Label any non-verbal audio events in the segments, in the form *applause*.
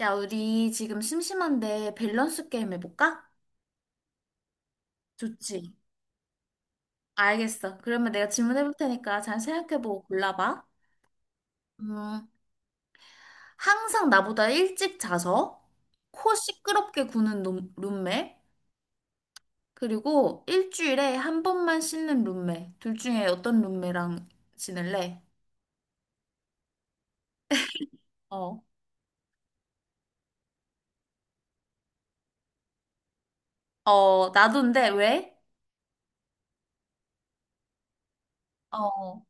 야, 우리 지금 심심한데 밸런스 게임 해볼까? 좋지. 알겠어. 그러면 내가 질문해볼 테니까 잘 생각해보고 골라봐. 음, 항상 나보다 일찍 자서 코 시끄럽게 구는 룸메, 그리고 일주일에 한 번만 씻는 룸메. 둘 중에 어떤 룸메랑 지낼래? 어. 어, 나도인데, 왜? 어. 어.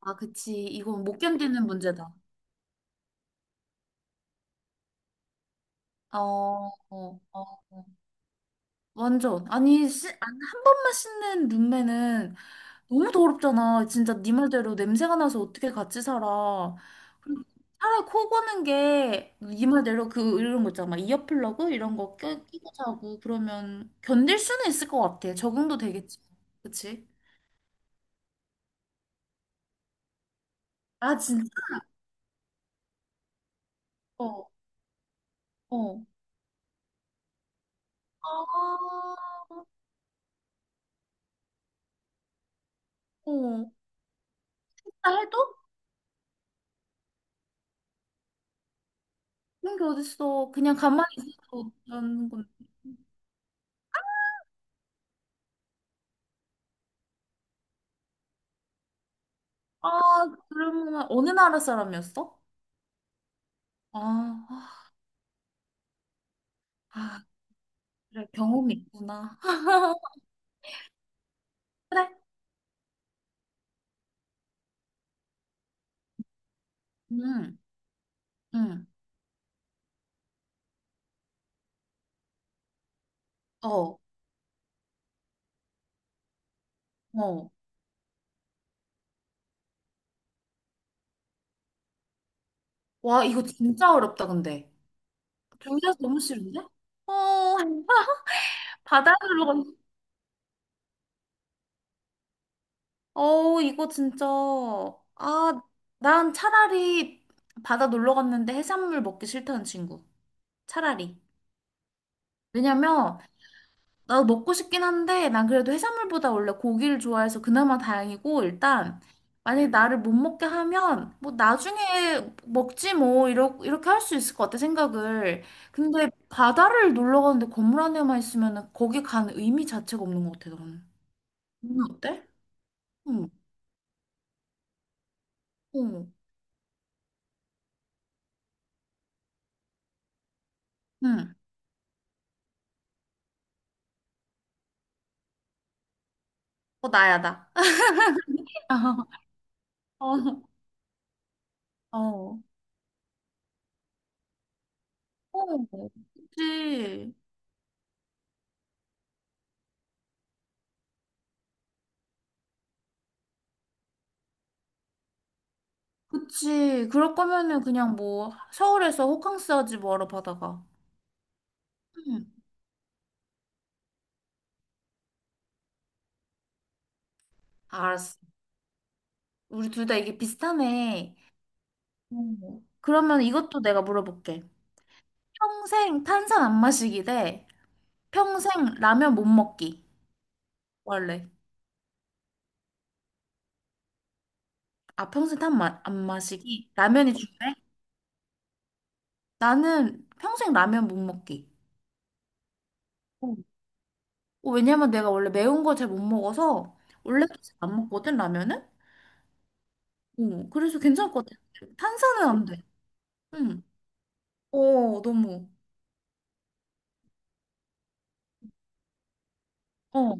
아, 그치. 이건 못 견디는 문제다. 어, 어, 어. 완전. 아니, 한 번만 씻는 룸메는 너무 더럽잖아. 진짜 네 말대로 냄새가 나서 어떻게 같이 살아. 그리고 차라리 코 고는 게, 네 말대로 그, 이런 거 있잖아. 막 이어플러그? 이런 거 끼고 자고 그러면 견딜 수는 있을 것 같아. 적응도 되겠지. 그치? 아, 진짜? 어, 어. 아, 어. 진짜 해도? 그런 게 어딨어. 그냥 가만히 있어도 되는 건데. 아, 그러면 어느 나라 사람이었어? 아, 아, 그래, 경험이 있구나. *laughs* 그래? 응, 응, 어, 어. 와, 이거 진짜 어렵다, 근데. 둘다 너무 싫은데? 어, *laughs* 바다로 건, 어, 이거 진짜. 아, 난 차라리 바다 놀러 갔는데 해산물 먹기 싫다는 친구. 차라리. 왜냐면, 나도 먹고 싶긴 한데, 난 그래도 해산물보다 원래 고기를 좋아해서 그나마 다행이고, 일단, 만약에 나를 못 먹게 하면, 뭐, 나중에 먹지 뭐, 이렇게 할 수 있을 것 같아, 생각을. 근데 바다를 놀러 가는데 건물 안에만 있으면 거기 간 의미 자체가 없는 것 같아, 나는. 어때? 응, 응, 응. 어, 나야, 나. *laughs* 어, 어. 어. 그치, 그치. 그럴 거면은 그냥 뭐, 서울에서 호캉스 하지 뭐하러 바다가. 응. 알았어. 우리 둘 다 이게 비슷하네. 음. 그러면 이것도 내가 물어볼게. 평생 탄산 안 마시기 대 평생 라면 못 먹기. 원래. 아, 평생 안 마시기. 라면이 중요해? 나는 평생 라면 못 먹기. 음. 어, 어, 왜냐면 내가 원래 매운 거 잘 못 먹어서 원래도 잘 안 먹거든, 라면은? 어, 그래서 괜찮을 것 같아. 탄산은 안 돼. 응. 어, 너무. 어,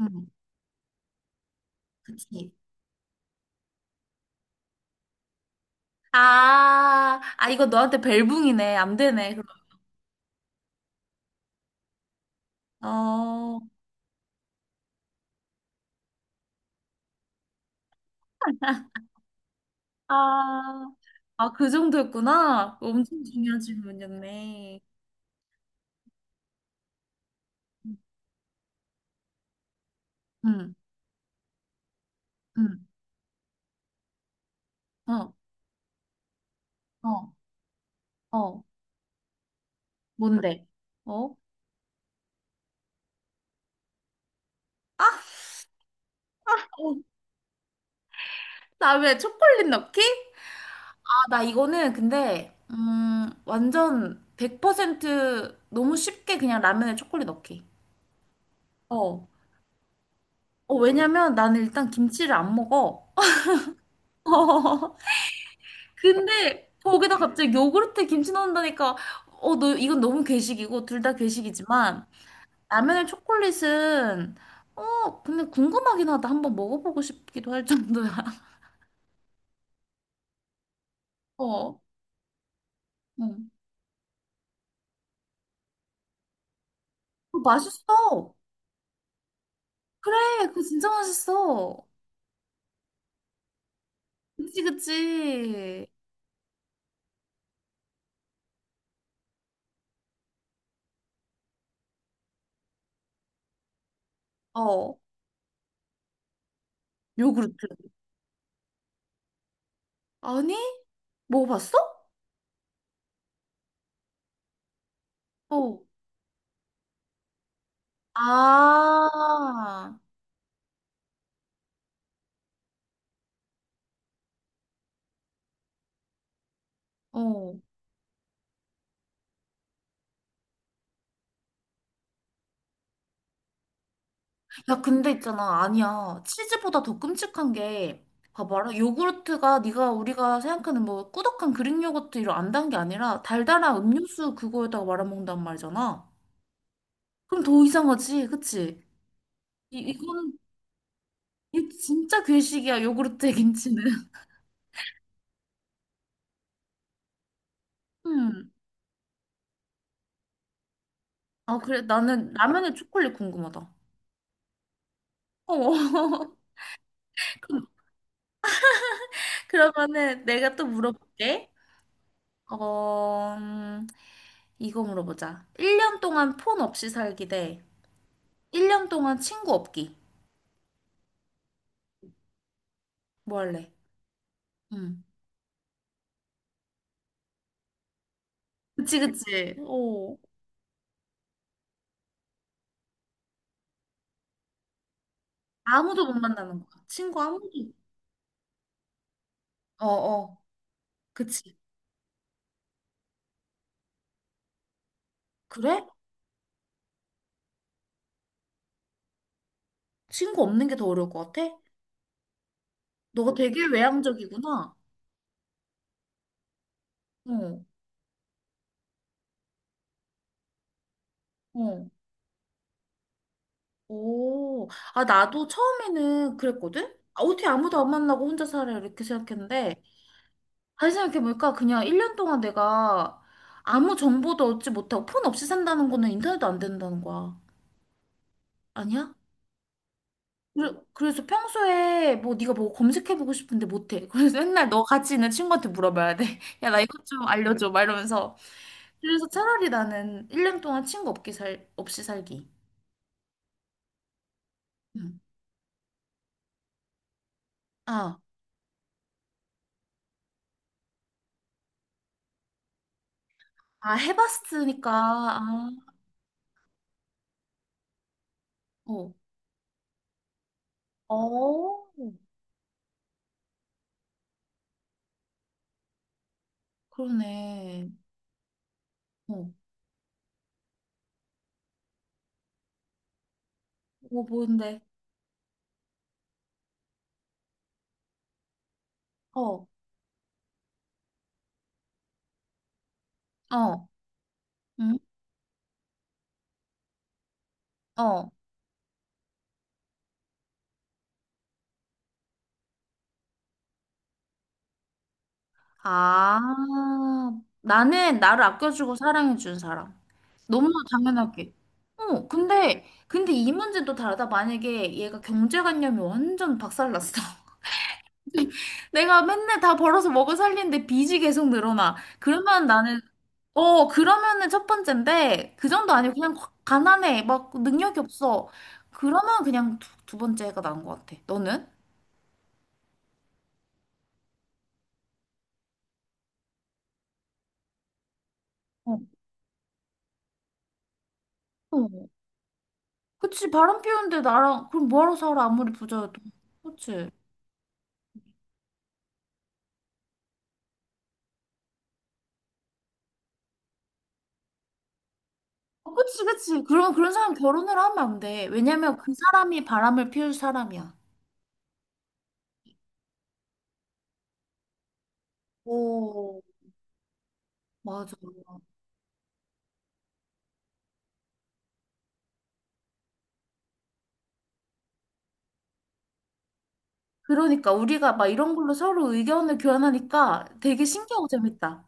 응. 그치. 아, 아, 이거 너한테 벨붕이네. 안 되네. 그럼. 어, 아, 아, 그 정도였구나. 엄청 중요한 질문이었네. 응, 응, 어, 어, 어. 뭔데? 어? 아, 어, 나왜 초콜릿 넣기? 아, 나 이거는 근데, 완전 100% 너무 쉽게 그냥 라면에 초콜릿 넣기. 어. 어, 왜냐면 나는 일단 김치를 안 먹어. *laughs* 근데 거기다 갑자기 요구르트에 김치 넣는다니까 어 너 이건 너무 괴식이고 둘 다 괴식이지만 라면에 초콜릿은 어 근데 궁금하긴 하다 한번 먹어보고 싶기도 할 정도야 *laughs* 어 응. 어, 맛있어. 그래 그거 진짜 맛있어. 그치 그치. 어 요구르트 아니 먹어봤어? 어. 아, 어. 야, 근데 있잖아. 아니야. 치즈보다 더 끔찍한 게, 봐봐라. 요구르트가 네가 우리가 생각하는 뭐 꾸덕한 그릭 요거트 이런 안 단 게 아니라 달달한 음료수 그거에다가 말아먹는단 말이잖아. 그럼 더 이상하지, 그치? 이건, 이 진짜 괴식이야, 요구르트에 김치는. *laughs* 음. 아, 그래. 나는 라면에 초콜릿 궁금하다. 어. *laughs* 그러면은 내가 또 물어볼게. 어, 이거 물어보자. 1년 동안 폰 없이 살기 대 1년 동안 친구 없기. 뭐 할래? 응. 그치, 그치. 어. 아무도 못 만나는 거야. 친구 아무도. 어, 어. 그치. 그래? 친구 없는 게 더 어려울 것 같아? 너가 되게 외향적이구나. 어, 어. 오. 아, 나도 처음에는 그랬거든? 아, 어떻게 아무도 안 만나고 혼자 살아? 이렇게 생각했는데, 다시 생각해보니까 그냥 1년 동안 내가 아무 정보도 얻지 못하고 폰 없이 산다는 거는 인터넷도 안 된다는 거야. 아니야? 그래서 평소에 뭐 네가 뭐 검색해보고 싶은데 못해. *laughs* 그래서 맨날 너 같이 있는 친구한테 물어봐야 돼. *laughs* 야, 나 이것 좀 알려줘. 막 이러면서. 그래서 차라리 나는 1년 동안 친구 없기 살, 없이 살기. 응. 아, 아, 해봤으니까. 아, 어. 어, 그러네. 어. 뭔데? 어. 어. 응? 어. 아. 나는 나를 아껴주고 사랑해준 사람. 너무 당연하게. 어, 근데 이 문제는 또 다르다. 만약에 얘가 경제관념이 완전 박살났어. *laughs* 내가 맨날 다 벌어서 먹어 살리는데 빚이 계속 늘어나. 그러면 나는, 어, 그러면은 첫 번째인데, 그 정도 아니고 그냥 확 가난해. 막 능력이 없어. 그러면 그냥 두 번째가 나은 것 같아. 너는? 어. 어. 그치, 바람 피우는데 나랑, 그럼 뭐하러 살아? 아무리 부자여도. 그치? 어, 그치, 그치. 그럼 그런 사람 결혼을 하면 안 돼. 왜냐면 그 사람이 바람을 피울 사람이야. 오, 맞아. 그러니까 우리가 막 이런 걸로 서로 의견을 교환하니까 되게 신기하고 재밌다.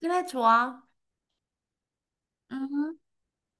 그래, 좋아. 음.